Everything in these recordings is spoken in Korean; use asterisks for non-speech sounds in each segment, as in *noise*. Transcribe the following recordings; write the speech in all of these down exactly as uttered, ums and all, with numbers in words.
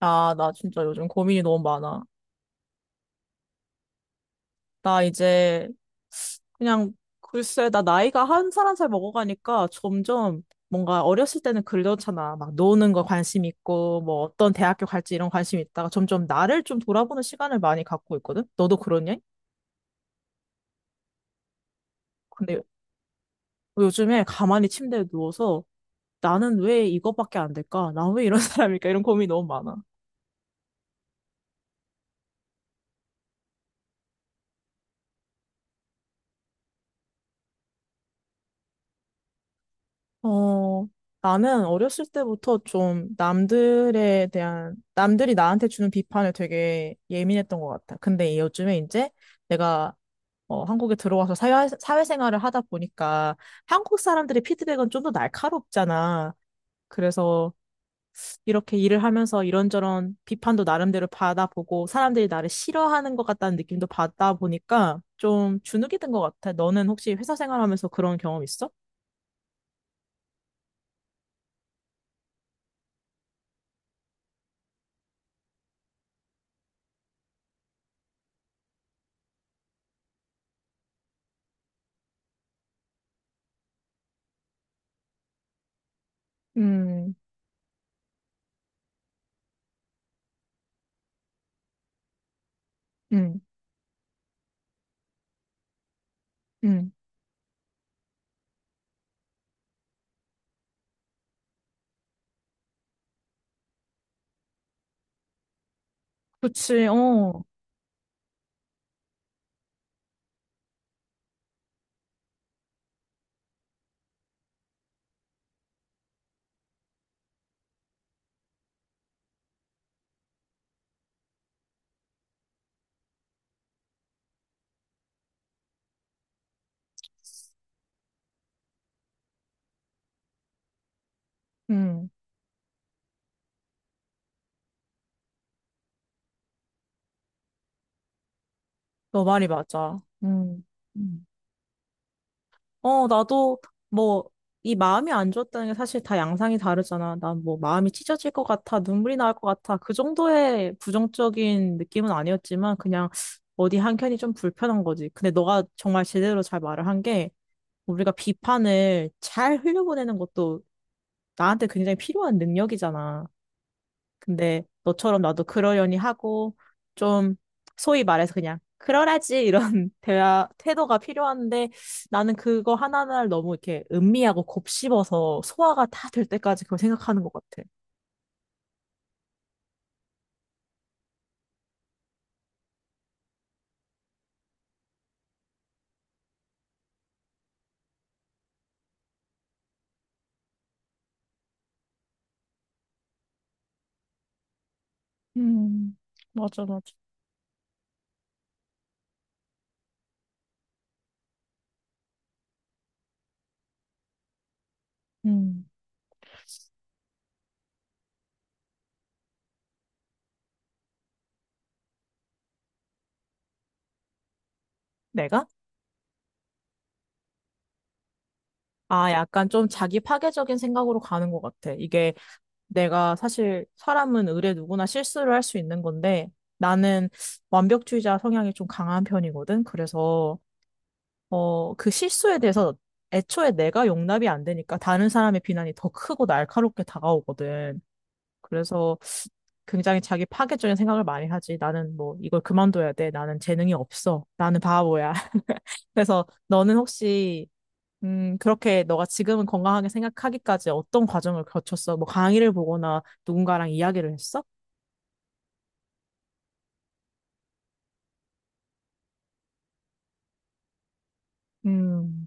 아, 나 진짜 요즘 고민이 너무 많아. 나 이제 그냥 글쎄, 나 나이가 한 살 한 살 먹어가니까 점점 뭔가 어렸을 때는 그러잖아. 막 노는 거 관심 있고, 뭐 어떤 대학교 갈지 이런 관심 있다가 점점 나를 좀 돌아보는 시간을 많이 갖고 있거든? 너도 그러냐? 근데 요즘에 가만히 침대에 누워서 나는 왜 이거밖에 안 될까? 나 왜 이런 *laughs* 사람일까? 이런 고민이 너무 많아. 어, 나는 어렸을 때부터 좀 남들에 대한, 남들이 나한테 주는 비판에 되게 예민했던 것 같아. 근데 요즘에 이제 내가 어, 한국에 들어와서 사회, 사회생활을 하다 보니까 한국 사람들의 피드백은 좀 더 날카롭잖아. 그래서 이렇게 일을 하면서 이런저런 비판도 나름대로 받아보고 사람들이 나를 싫어하는 것 같다는 느낌도 받다 보니까 좀 주눅이 든 것 같아. 너는 혹시 회사 생활하면서 그런 경험 있어? 음, 음, 음. 그치, 어. 음, 너 말이 맞아. 음. 음. 어, 나도 뭐, 이 마음이 안 좋았다는 게 사실 다 양상이 다르잖아. 난 뭐, 마음이 찢어질 것 같아, 눈물이 나올 것 같아. 그 정도의 부정적인 느낌은 아니었지만, 그냥 어디 한켠이 좀 불편한 거지. 근데 너가 정말 제대로 잘 말을 한 게, 우리가 비판을 잘 흘려보내는 것도 나한테 굉장히 필요한 능력이잖아. 근데 너처럼 나도 그러려니 하고 좀 소위 말해서 그냥 그러라지 이런 *laughs* 대화 태도가 필요한데 나는 그거 하나하나를 너무 이렇게 음미하고 곱씹어서 소화가 다 될 때까지 그걸 생각하는 것 같아. 음, 맞아, 맞아. 음, 내가? 아, 약간 좀 자기 파괴적인 생각으로 가는 것 같아. 이게 내가 사실 사람은 의례 누구나 실수를 할 수 있는 건데 나는 완벽주의자 성향이 좀 강한 편이거든. 그래서 어, 그 실수에 대해서 애초에 내가 용납이 안 되니까 다른 사람의 비난이 더 크고 날카롭게 다가오거든. 그래서 굉장히 자기 파괴적인 생각을 많이 하지. 나는 뭐 이걸 그만둬야 돼. 나는 재능이 없어. 나는 바보야. *laughs* 그래서 너는 혹시 음, 그렇게 너가 지금은 건강하게 생각하기까지 어떤 과정을 거쳤어? 뭐 강의를 보거나 누군가랑 이야기를 했어? 음,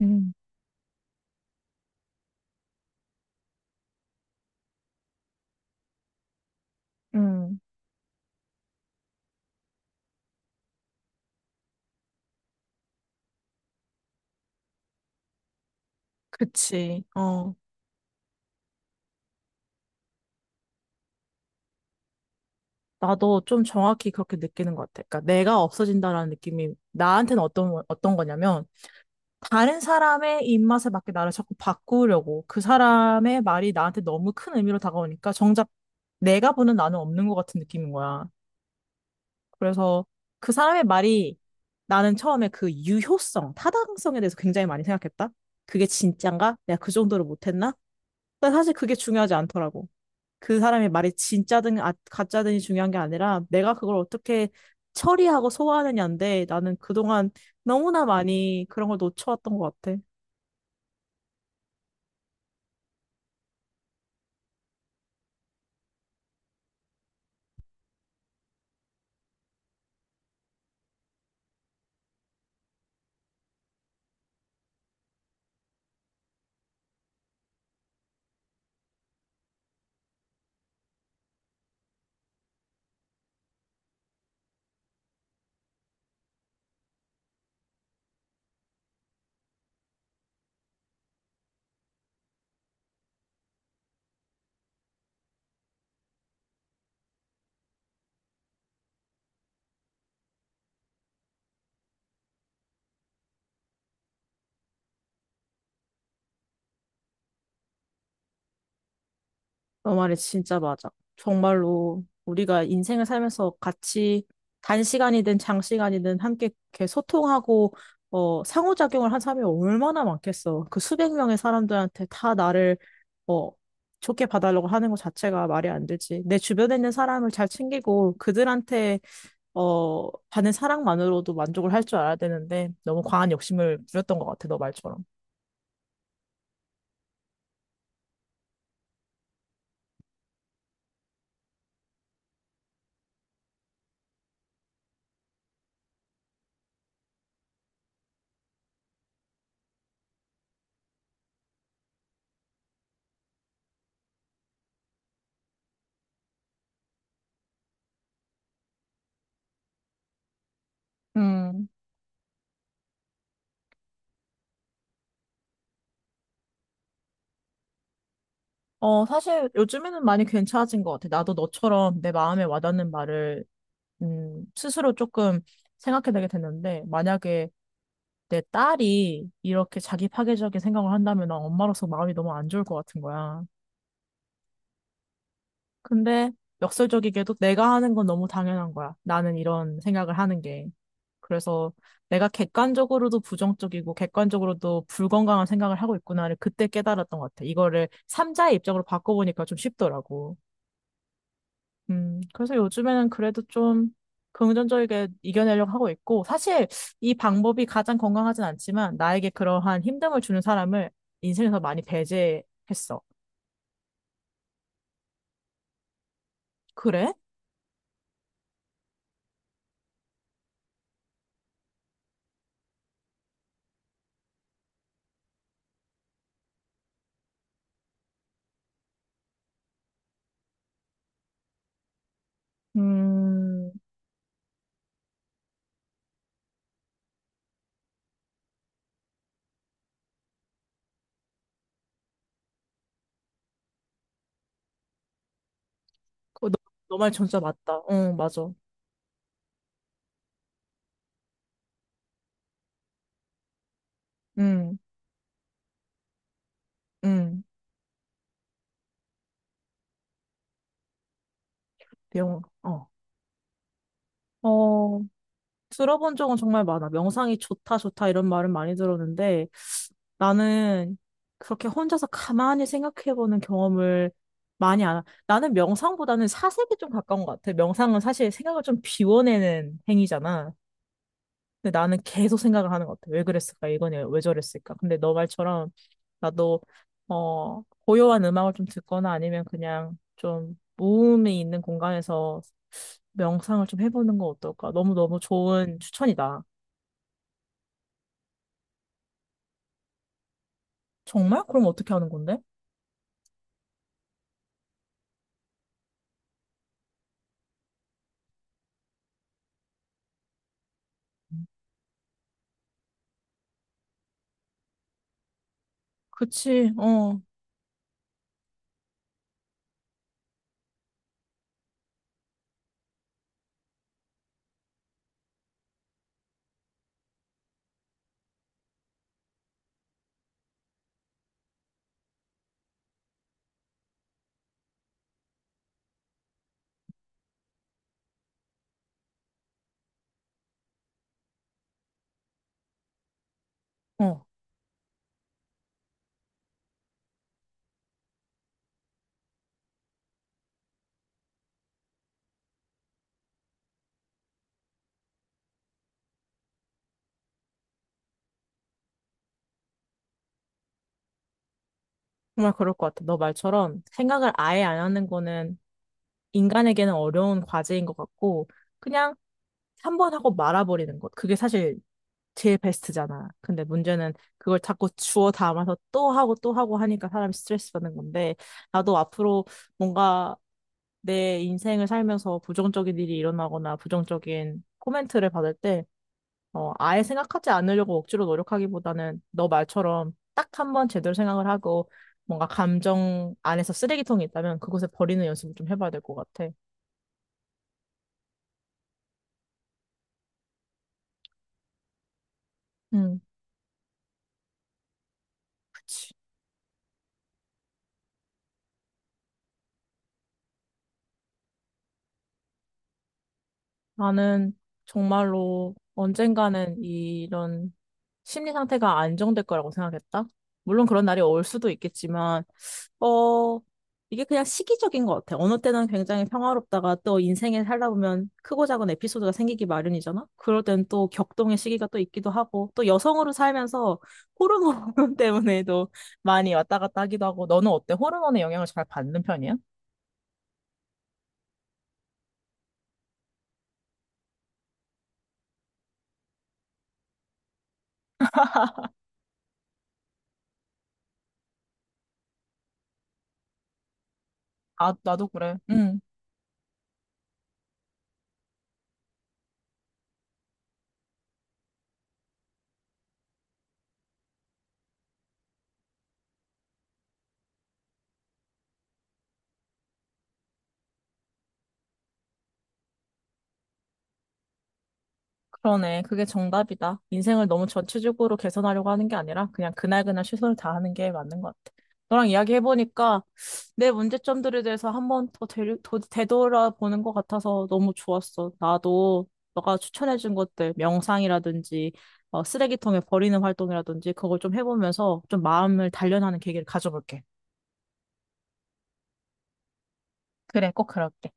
음, 음. 그치. 어. 나도 좀 정확히 그렇게 느끼는 것 같아. 그러니까 내가 없어진다라는 느낌이 나한테는 어떤, 어떤 거냐면 다른 사람의 입맛에 맞게 나를 자꾸 바꾸려고 그 사람의 말이 나한테 너무 큰 의미로 다가오니까 정작 내가 보는 나는 없는 것 같은 느낌인 거야. 그래서 그 사람의 말이 나는 처음에 그 유효성, 타당성에 대해서 굉장히 많이 생각했다. 그게 진짠가? 내가 그 정도로 못했나? 근데 사실 그게 중요하지 않더라고. 그 사람의 말이 진짜든 아, 가짜든이 중요한 게 아니라 내가 그걸 어떻게 처리하고 소화하느냐인데 나는 그동안 너무나 많이 그런 걸 놓쳐왔던 것 같아. 너 말이 진짜 맞아. 정말로 우리가 인생을 살면서 같이 단시간이든 장시간이든 함께 이렇게 소통하고 어, 상호작용을 한 사람이 얼마나 많겠어. 그 수백 명의 사람들한테 다 나를 어, 좋게 봐달라고 하는 것 자체가 말이 안 되지. 내 주변에 있는 사람을 잘 챙기고 그들한테 어, 받는 사랑만으로도 만족을 할 줄 알아야 되는데 너무 과한 욕심을 부렸던 것 같아, 너 말처럼. 음. 어, 사실 요즘에는 많이 괜찮아진 것 같아. 나도 너처럼 내 마음에 와닿는 말을, 음, 스스로 조금 생각해내게 됐는데, 만약에 내 딸이 이렇게 자기 파괴적인 생각을 한다면 난 엄마로서 마음이 너무 안 좋을 것 같은 거야. 근데 역설적이게도 내가 하는 건 너무 당연한 거야. 나는 이런 생각을 하는 게. 그래서 내가 객관적으로도 부정적이고 객관적으로도 불건강한 생각을 하고 있구나를 그때 깨달았던 것 같아. 이거를 삼자의 입장으로 바꿔보니까 좀 쉽더라고. 음, 그래서 요즘에는 그래도 좀 긍정적이게 이겨내려고 하고 있고, 사실 이 방법이 가장 건강하진 않지만 나에게 그러한 힘듦을 주는 사람을 인생에서 많이 배제했어. 그래? 음, 그 너, 너 말 진짜 맞다. 응, 맞아. 응, 응, 내용, 어. 어, 들어본 적은 정말 많아. 명상이 좋다, 좋다 이런 말은 많이 들었는데 나는 그렇게 혼자서 가만히 생각해보는 경험을 많이 안 하. 나는 명상보다는 사색이 좀 가까운 것 같아. 명상은 사실 생각을 좀 비워내는 행위잖아. 근데 나는 계속 생각을 하는 것 같아. 왜 그랬을까? 이거냐? 왜 저랬을까? 근데 너 말처럼 나도 어 고요한 음악을 좀 듣거나 아니면 그냥 좀 무음이 있는 공간에서 명상을 좀 해보는 거 어떨까? 너무너무 좋은 추천이다. 정말? 그럼 어떻게 하는 건데? 그치, 어, 어. 정말 그럴 것 같아. 너 말처럼 생각을 아예 안 하는 거는 인간에게는 어려운 과제인 것 같고, 그냥 한 번 하고 말아버리는 것. 그게 사실 제일 베스트잖아. 근데 문제는 그걸 자꾸 주워 담아서 또 하고 또 하고 하니까 사람이 스트레스 받는 건데, 나도 앞으로 뭔가 내 인생을 살면서 부정적인 일이 일어나거나 부정적인 코멘트를 받을 때 어, 아예 생각하지 않으려고 억지로 노력하기보다는 너 말처럼 딱 한번 제대로 생각을 하고 뭔가 감정 안에서 쓰레기통이 있다면 그곳에 버리는 연습을 좀 해봐야 될 것 같아. 음, 그치. 나는 정말로 언젠가는 이런 심리 상태가 안정될 거라고 생각했다. 물론 그런 날이 올 수도 있겠지만 어, 이게 그냥 시기적인 것 같아. 어느 때는 굉장히 평화롭다가 또 인생에 살다 보면 크고 작은 에피소드가 생기기 마련이잖아? 그럴 땐 또 격동의 시기가 또 있기도 하고, 또 여성으로 살면서 호르몬 *laughs* 때문에도 많이 왔다 갔다 하기도 하고, 너는 어때? 호르몬의 영향을 잘 받는 편이야? 아, 나도 그래. 응. 그러네. 그게 정답이다. 인생을 너무 전체적으로 개선하려고 하는 게 아니라 그냥 그날그날 최선을 다하는 게 맞는 것 같아. 너랑 이야기해보니까 내 문제점들에 대해서 한번 더 되려- 더 되돌아보는 것 같아서 너무 좋았어. 나도 너가 추천해준 것들, 명상이라든지 어, 쓰레기통에 버리는 활동이라든지 그걸 좀 해보면서 좀 마음을 단련하는 계기를 가져볼게. 그래, 꼭 그럴게.